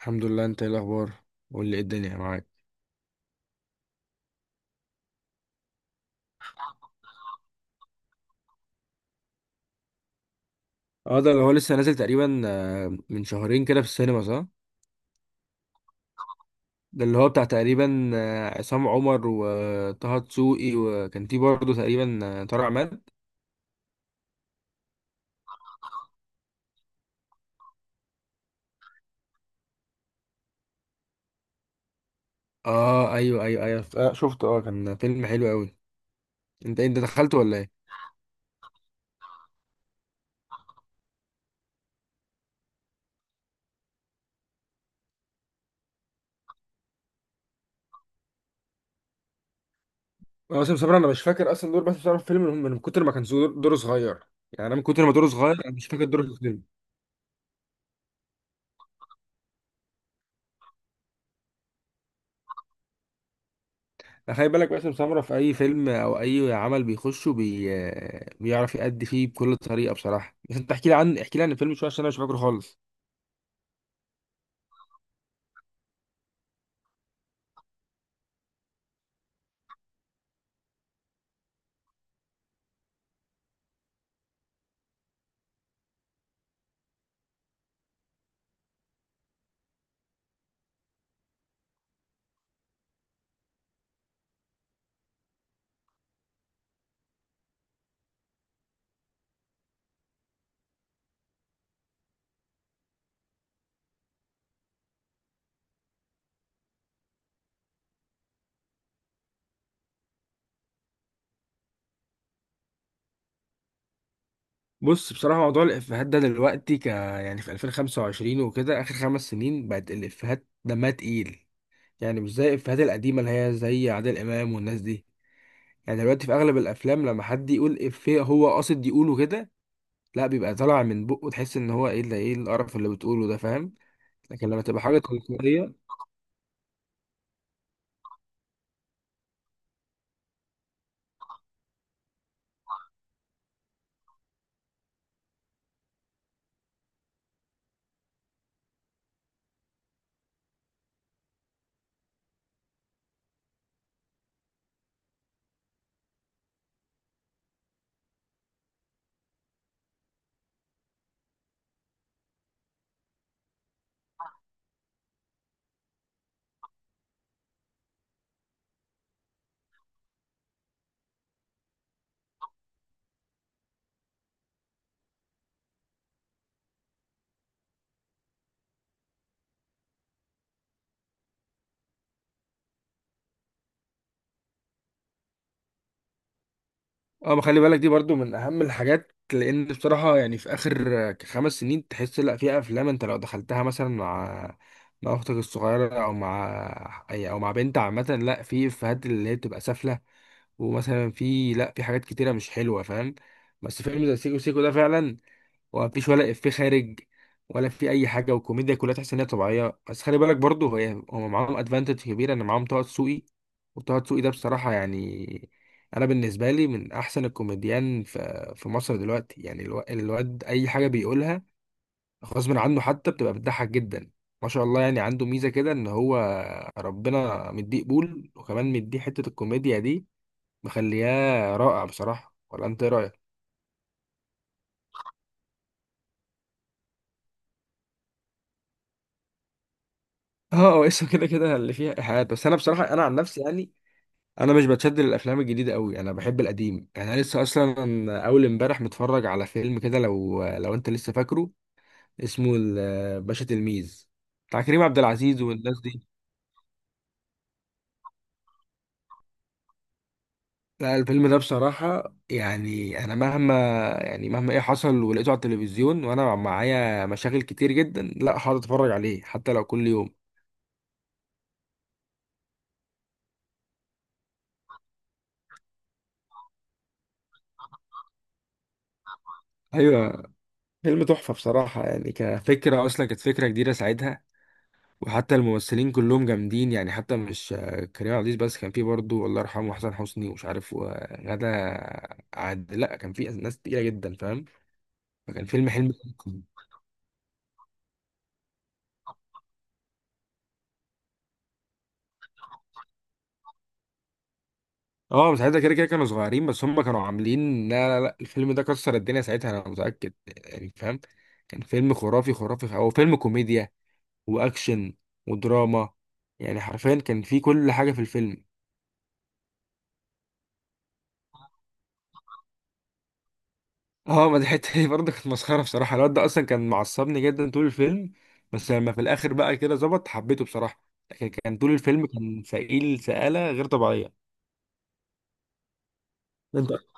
الحمد لله، انت ايه الاخبار؟ قول لي ايه الدنيا معاك. اه، ده اللي هو لسه نازل تقريبا من شهرين كده في السينما، صح؟ ده اللي هو بتاع تقريبا عصام عمر وطه دسوقي، وكان فيه برضه تقريبا طارق عماد. اه، ايوه ايوه ايوه، شفته. اه، كان فيلم حلو قوي. انت دخلته ولا ايه؟ اه، باسم سمرة انا مش فاكر اصلا دور باسم سمرة في الفيلم، من كتر ما كان دوره صغير، يعني انا من كتر ما دوره صغير انا مش فاكر دوره في الفيلم. خلي بالك باسم سمرة في أي فيلم أو أي عمل بيخشه بيعرف يأدي فيه بكل طريقة، بصراحة. بس أنت احكي لي عن الفيلم شوية، عشان أنا مش فاكره خالص. بص، بصراحة موضوع الإفيهات ده دلوقتي يعني في 2025 وكده، آخر خمس سنين بقت الإفيهات دمها تقيل. يعني مش زي الإفيهات القديمة اللي هي زي عادل إمام والناس دي. يعني دلوقتي في أغلب الأفلام، لما حد يقول إفيه هو قاصد يقوله كده. لا، بيبقى طالع من بقه، تحس إن هو إيه ده، إيه القرف اللي بتقوله ده، فاهم؟ لكن لما تبقى حاجة تلقائية. اه، ما خلي بالك دي برضو من اهم الحاجات، لان بصراحه يعني في اخر خمس سنين تحس، لا، في افلام انت لو دخلتها مثلا مع اختك الصغيره او مع اي او مع بنت عامه، لا، في افيهات اللي هي بتبقى سافله. ومثلا في، لا، في حاجات كتيره مش حلوه، فاهم؟ بس فيلم زي سيكو سيكو ده فعلا، ومفيش ولا افيه خارج، ولا في اي حاجه، والكوميديا كلها تحس ان هي طبيعيه. بس خلي بالك برضه هم معاهم ادفانتج كبيره ان معاهم طه دسوقي. وطه دسوقي ده بصراحه يعني انا بالنسبه لي من احسن الكوميديان في مصر دلوقتي، يعني الواد اي حاجه بيقولها غصب عنه، حتى بتبقى بتضحك جدا. ما شاء الله، يعني عنده ميزه كده ان هو ربنا مديه قبول، وكمان مديه حته الكوميديا دي مخلياه رائع بصراحه. ولا انت إيه رايك؟ اه، هو اسمه كده كده اللي فيها ايحاءات. بس انا بصراحه، انا عن نفسي يعني انا مش بتشد للافلام الجديده قوي، انا بحب القديم، يعني انا لسه اصلا اول امبارح متفرج على فيلم كده، لو انت لسه فاكره، اسمه باشا تلميذ، بتاع كريم عبد العزيز والناس دي. لا، الفيلم ده بصراحه يعني انا مهما يعني مهما ايه حصل ولقيته على التلفزيون وانا معايا مشاغل كتير جدا، لا هقعد اتفرج عليه حتى لو كل يوم. ايوه، فيلم تحفه بصراحه، يعني كفكره اصلا كانت فكره جديده ساعتها. وحتى الممثلين كلهم جامدين، يعني حتى مش كريم عبد العزيز بس، كان في برضه الله يرحمه حسن حسني ومش عارف وغادة عادل. لا، كان في ناس تقيلة جدا، فاهم؟ فكان فيلم حلم كركم. اه، مش عايزة، كده كده كانوا صغيرين بس هم كانوا عاملين. لا، لا، لا، الفيلم ده كسر الدنيا ساعتها انا متأكد، يعني فاهم. كان فيلم خرافي خرافي، هو فيلم كوميديا واكشن ودراما، يعني حرفيا كان فيه كل حاجة في الفيلم. اه، ما دي حته دي برضه كانت مسخره بصراحه، الواد ده اصلا كان معصبني جدا طول الفيلم. بس لما في الاخر بقى كده ظبط، حبيته بصراحه. لكن كان طول الفيلم كان سئيل سئاله غير طبيعيه. انت.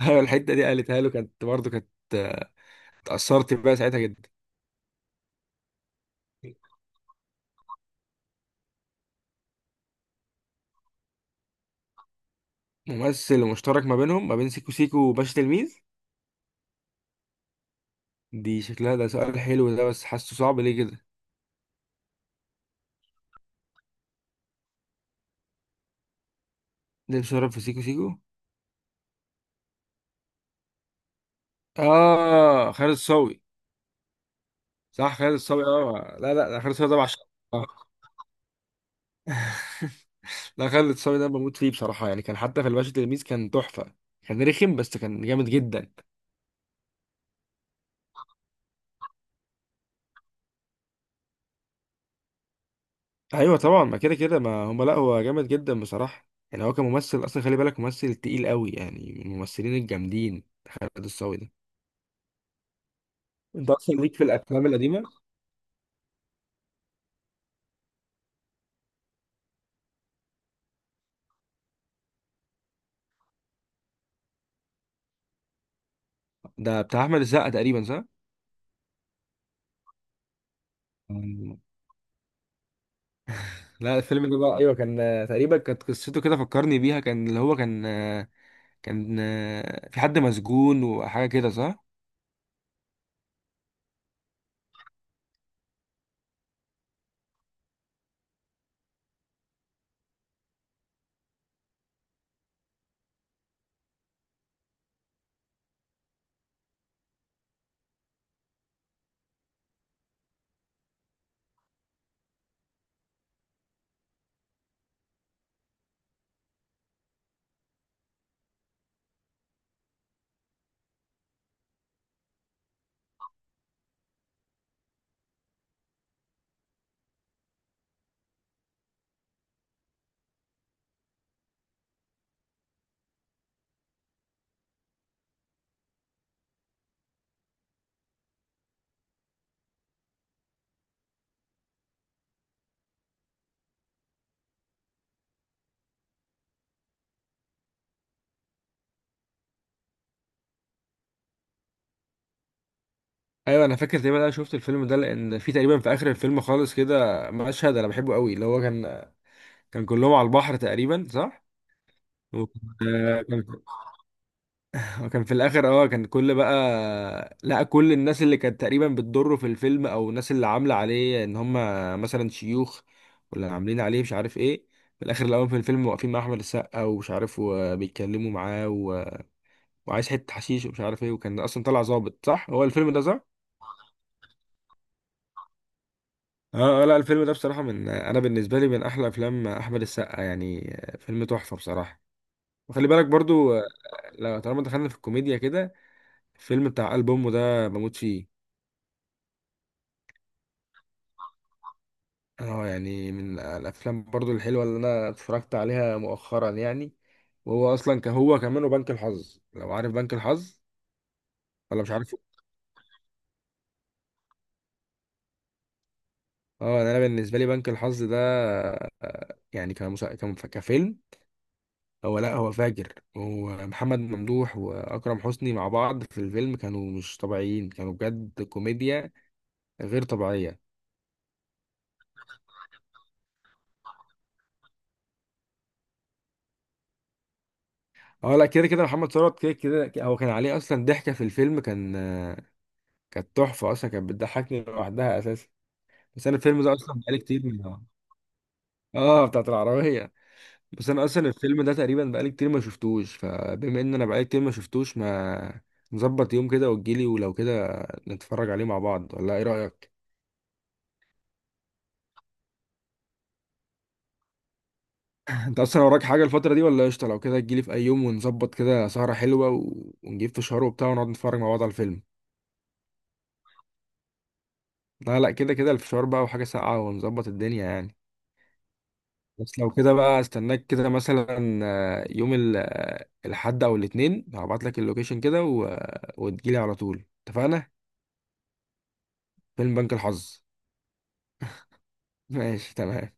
ايوه، الحته دي قالتها له، كانت برضه كانت آه، اتاثرت بقى ساعتها جدا. ممثل مشترك ما بينهم، ما بين سيكو سيكو وباشا تلميذ؟ دي شكلها، ده سؤال حلو ده، بس حاسه صعب ليه كده. ليه بيشرب في سيكو سيكو؟ اه، خالد الصاوي. صح، خالد الصاوي. اه، لا، لا، لا، خالد الصاوي ده بعشقه. آه. لا، خالد الصاوي ده بموت فيه بصراحة، يعني كان حتى في الباشا تلميذ كان تحفة. كان رخم بس كان جامد جدا. أيوة، طبعا، ما كده كده ما هم، لا، هو جامد جدا بصراحة، يعني هو كممثل أصلا خلي بالك، ممثل تقيل قوي يعني، من الممثلين الجامدين خالد الصاوي ده. أنت أصلا ليك في الأفلام القديمة. ده بتاع أحمد السقا تقريبا، صح؟ مم. لا، الفيلم ده بقى، أيوة كان تقريبا كانت قصته كده، فكرني بيها، كان اللي هو كان آه، كان آه، في حد مسجون وحاجة كده، صح؟ ايوه، انا فاكر تقريبا، انا شفت الفيلم ده لان في تقريبا في اخر الفيلم خالص كده مشهد انا بحبه قوي، اللي هو كان كلهم على البحر تقريبا، صح؟ وكان في الاخر، اه كان كل بقى، لا، كل الناس اللي كانت تقريبا بتضره في الفيلم او الناس اللي عامله عليه ان هم مثلا شيوخ، ولا عاملين عليه مش عارف ايه، في الاخر الاول في الفيلم واقفين مع احمد السقا ومش عارف وبيتكلموا معاه و... وعايز حته حشيش ومش عارف ايه، وكان اصلا طلع ظابط، صح هو الفيلم ده، صح؟ اه، لا، الفيلم ده بصراحة انا بالنسبة لي من احلى افلام احمد السقا، يعني فيلم تحفة بصراحة. وخلي بالك برضو لو طالما دخلنا في الكوميديا كده، الفيلم بتاع ألبومه ده بموت فيه. اه، يعني من الافلام برضو الحلوة اللي انا اتفرجت عليها مؤخرا، يعني وهو اصلا كهو كمان، وبنك الحظ، لو عارف بنك الحظ ولا مش عارف. اه، انا بالنسبة لي بنك الحظ ده يعني كفيلم، لا هو فاجر، هو محمد ممدوح واكرم حسني مع بعض في الفيلم كانوا مش طبيعيين، كانوا بجد كوميديا غير طبيعيه. اه، لا، كده كده محمد ثروت، كده كده هو كان عليه اصلا ضحكه في الفيلم، كان كانت تحفه اصلا، كانت بتضحكني لوحدها اساسا. بس انا الفيلم ده اصلا بقالي كتير اه، بتاعت العربيه. بس انا اصلا الفيلم ده تقريبا بقالي كتير ما شفتوش، فبما ان انا بقالي كتير ما شفتوش، ما نظبط يوم كده وتجيلي، ولو كده نتفرج عليه مع بعض، ولا ايه رايك؟ انت اصلا وراك حاجه الفتره دي ولا قشطه؟ لو كده تجيلي في اي يوم ونظبط كده سهره حلوه و... ونجيب فشار وبتاع ونقعد نتفرج مع بعض على الفيلم. لا، لا، كده كده الفشار بقى وحاجه ساقعه، ونظبط الدنيا يعني. بس لو كده بقى استناك كده مثلا يوم الاحد او الاثنين، هبعت لك اللوكيشن كده و... وتجيلي على طول، اتفقنا؟ فيلم بنك الحظ. ماشي، تمام.